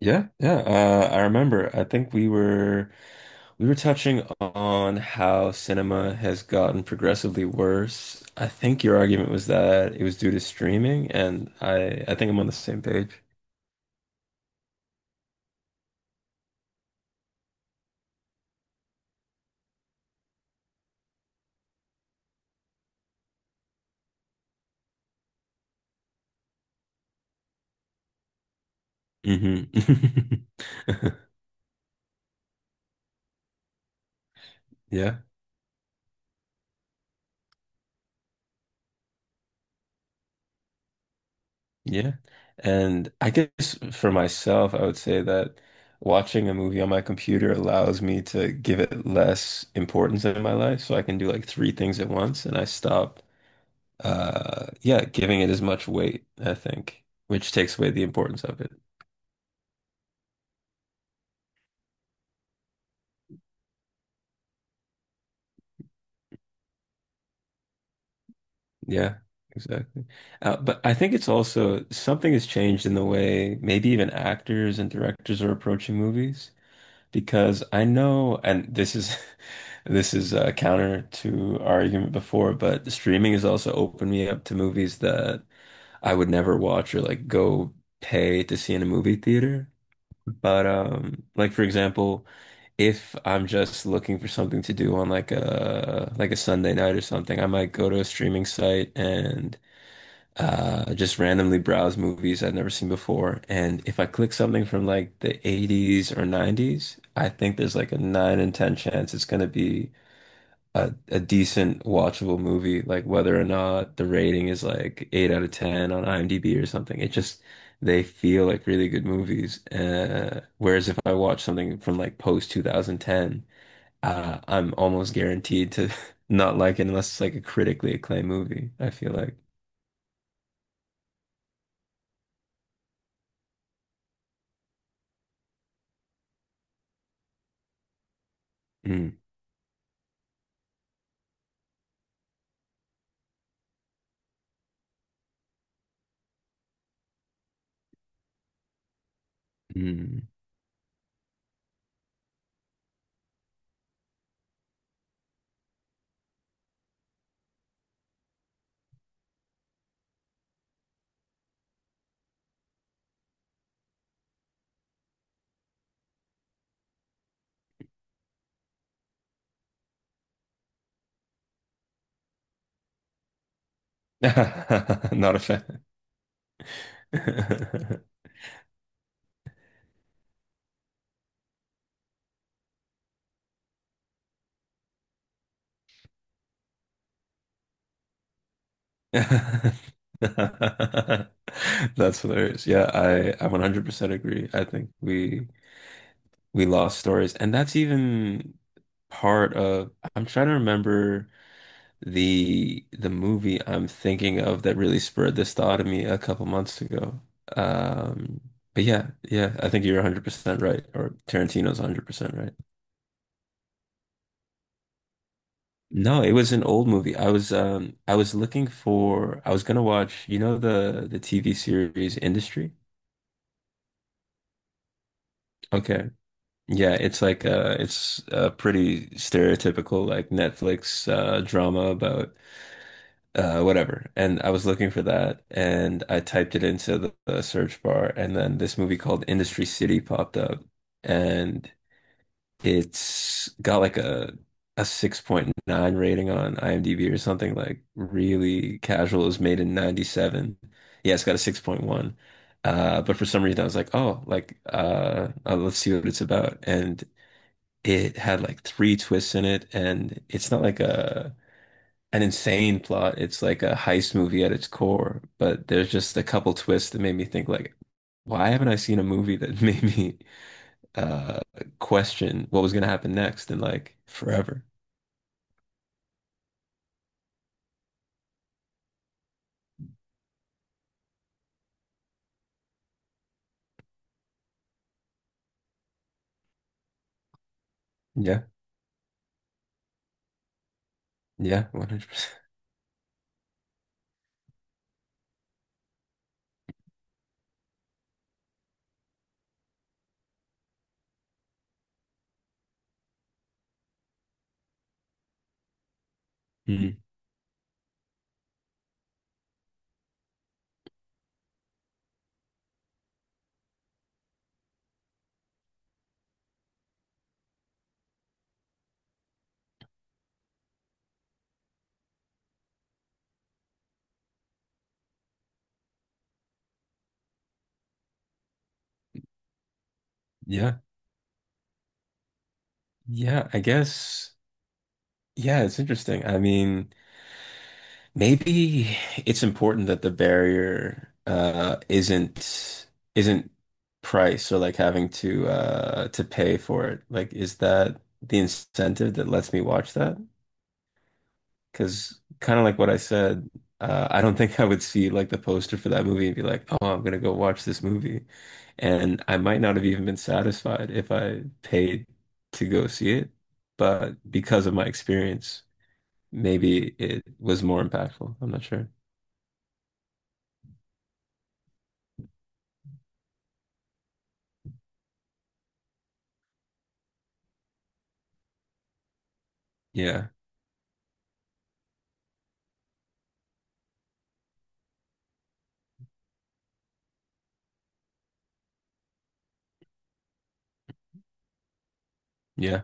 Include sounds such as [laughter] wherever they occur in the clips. Yeah, yeah. I remember. I think we were touching on how cinema has gotten progressively worse. I think your argument was that it was due to streaming, and I think I'm on the same page. Hmm. [laughs] Yeah, yeah. And I guess for myself, I would say that watching a movie on my computer allows me to give it less importance in my life, so I can do like three things at once, and I stop. Yeah, giving it as much weight, I think, which takes away the importance of it. Yeah, exactly. But I think it's also something has changed in the way maybe even actors and directors are approaching movies because I know, and this is [laughs] this is counter to our argument before, but streaming has also opened me up to movies that I would never watch or like go pay to see in a movie theater. But like for example, if I'm just looking for something to do on like a Sunday night or something, I might go to a streaming site and just randomly browse movies I've never seen before. And if I click something from like the 80s or 90s, I think there's like a nine in 10 chance it's going to be a decent watchable movie, like whether or not the rating is like eight out of 10 on IMDb or something. It just they feel like really good movies. Whereas if I watch something from like post 2010 I'm almost guaranteed to [laughs] not like it unless it's like a critically acclaimed movie, I feel like. Mm, mm. [laughs] Not a fan. [laughs] That's hilarious. Yeah, I 100% agree. I think we lost stories, and that's even part of. I'm trying to remember. The movie I'm thinking of that really spurred this thought of me a couple months ago. Um, but yeah, yeah, I think you're 100% right, or Tarantino's 100% right. No, it was an old movie. I was looking for I was gonna watch, you know the TV series Industry? Okay. Yeah, it's like it's a pretty stereotypical like Netflix drama about whatever. And I was looking for that, and I typed it into the search bar, and then this movie called Industry City popped up, and it's got like a 6.9 rating on IMDb or something like really casual. It was made in 97. Yeah, it's got a 6.1. But for some reason, I was like, oh, like, let's see what it's about. And it had like three twists in it. And it's not like a an insane plot. It's like a heist movie at its core, but there's just a couple twists that made me think like, why haven't I seen a movie that [laughs] made me uh question what was gonna happen next in like forever? Yeah, yeah, 100%. Mhm. Yeah, yeah, I guess. Yeah, it's interesting. I mean, maybe it's important that the barrier isn't price or like having to pay for it. Like is that the incentive that lets me watch that? Because kind of like what I said, I don't think I would see like the poster for that movie and be like, "Oh, I'm gonna go watch this movie." And I might not have even been satisfied if I paid to go see it, but because of my experience, maybe it was more impactful. I'm not sure. Yeah. Yeah,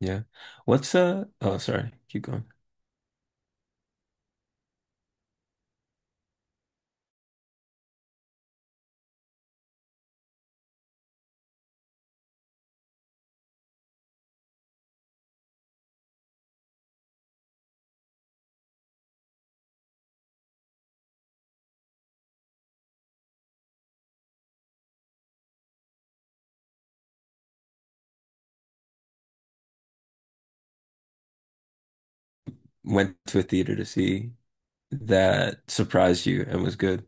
yeah. What's oh sorry, keep going. Went to a theater to see that surprised you and was good.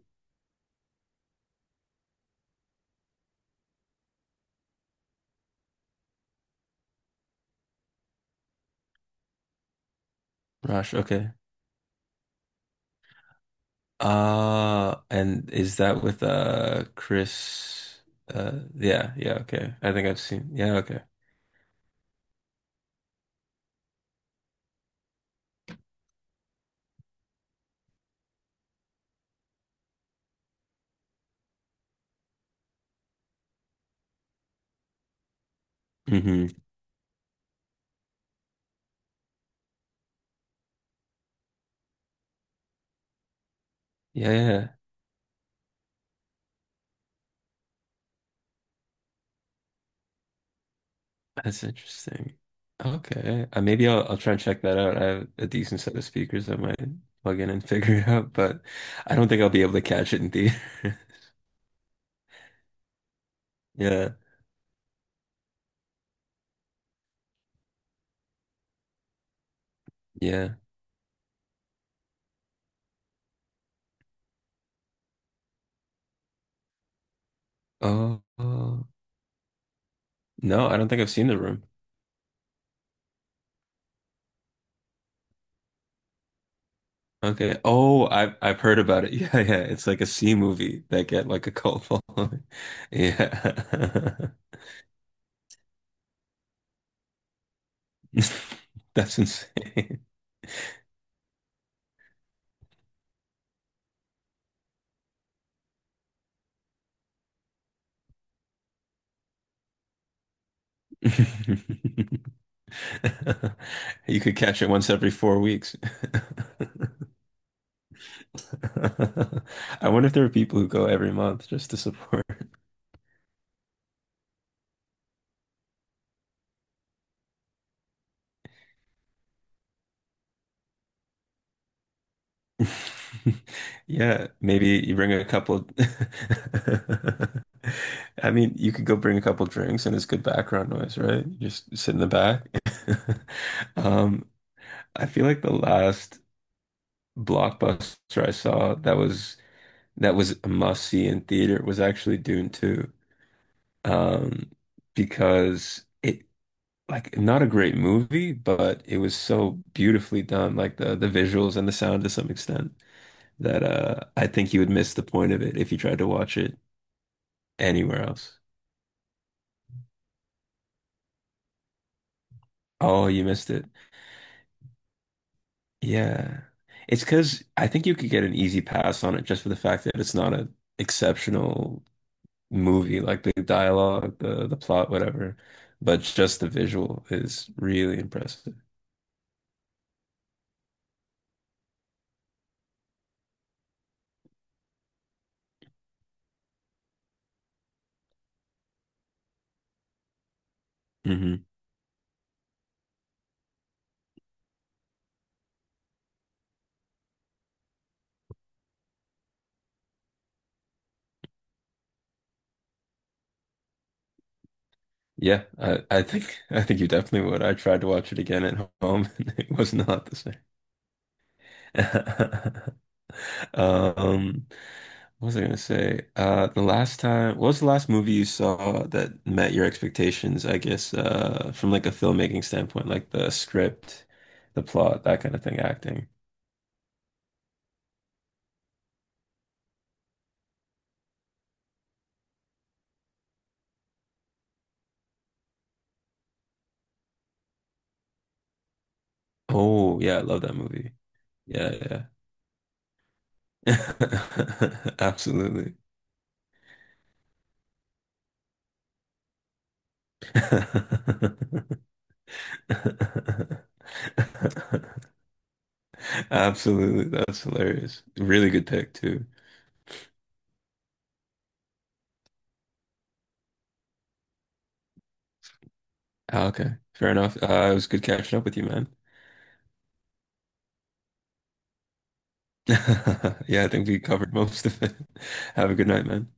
Rush, okay. And is that with Chris? Yeah, yeah, okay. I think I've seen, yeah, okay. Hmm. Yeah, yeah. That's interesting. Okay. Maybe I'll try and check that out. I have a decent set of speakers that might plug in and [laughs] figure it out, but I don't think I'll be able to catch it in theater. [laughs] Yeah. Yeah. Oh. Oh. No, I don't think I've seen The Room. Okay. Oh, I've heard about it. [laughs] Yeah, yeah. It's like a C movie that get like a cult following. [laughs] Yeah. [laughs] That's insane. [laughs] You could catch it once every 4 weeks. [laughs] I wonder if there are people who go every month just to support. [laughs] Yeah, maybe you bring a couple. [laughs] I mean, you could go bring a couple drinks and it's good background noise, right? You just sit in the back. [laughs] Um, I feel like the last blockbuster I saw that was a must see in theater was actually Dune 2. Um, because it like not a great movie, but it was so beautifully done, like the visuals and the sound to some extent that I think you would miss the point of it if you tried to watch it anywhere else. Oh, you missed it. Yeah. It's because I think you could get an easy pass on it just for the fact that it's not an exceptional movie, like the dialogue, the plot, whatever. But just the visual is really impressive. Hmm. Yeah, I think I think you definitely would. I tried to watch it again at home [laughs] and it was not the same. [laughs] Um, what was I gonna say? The last time, what was the last movie you saw that met your expectations, I guess, from like a filmmaking standpoint, like the script, the plot, that kind of thing, acting. Oh, yeah, I love that movie. Yeah, yeah. [laughs] Absolutely. [laughs] Absolutely. That's hilarious. Really good pick too. Ah, okay, fair enough. It was good catching up with you, man. [laughs] Yeah, I think we covered most of it. [laughs] Have a good night, man.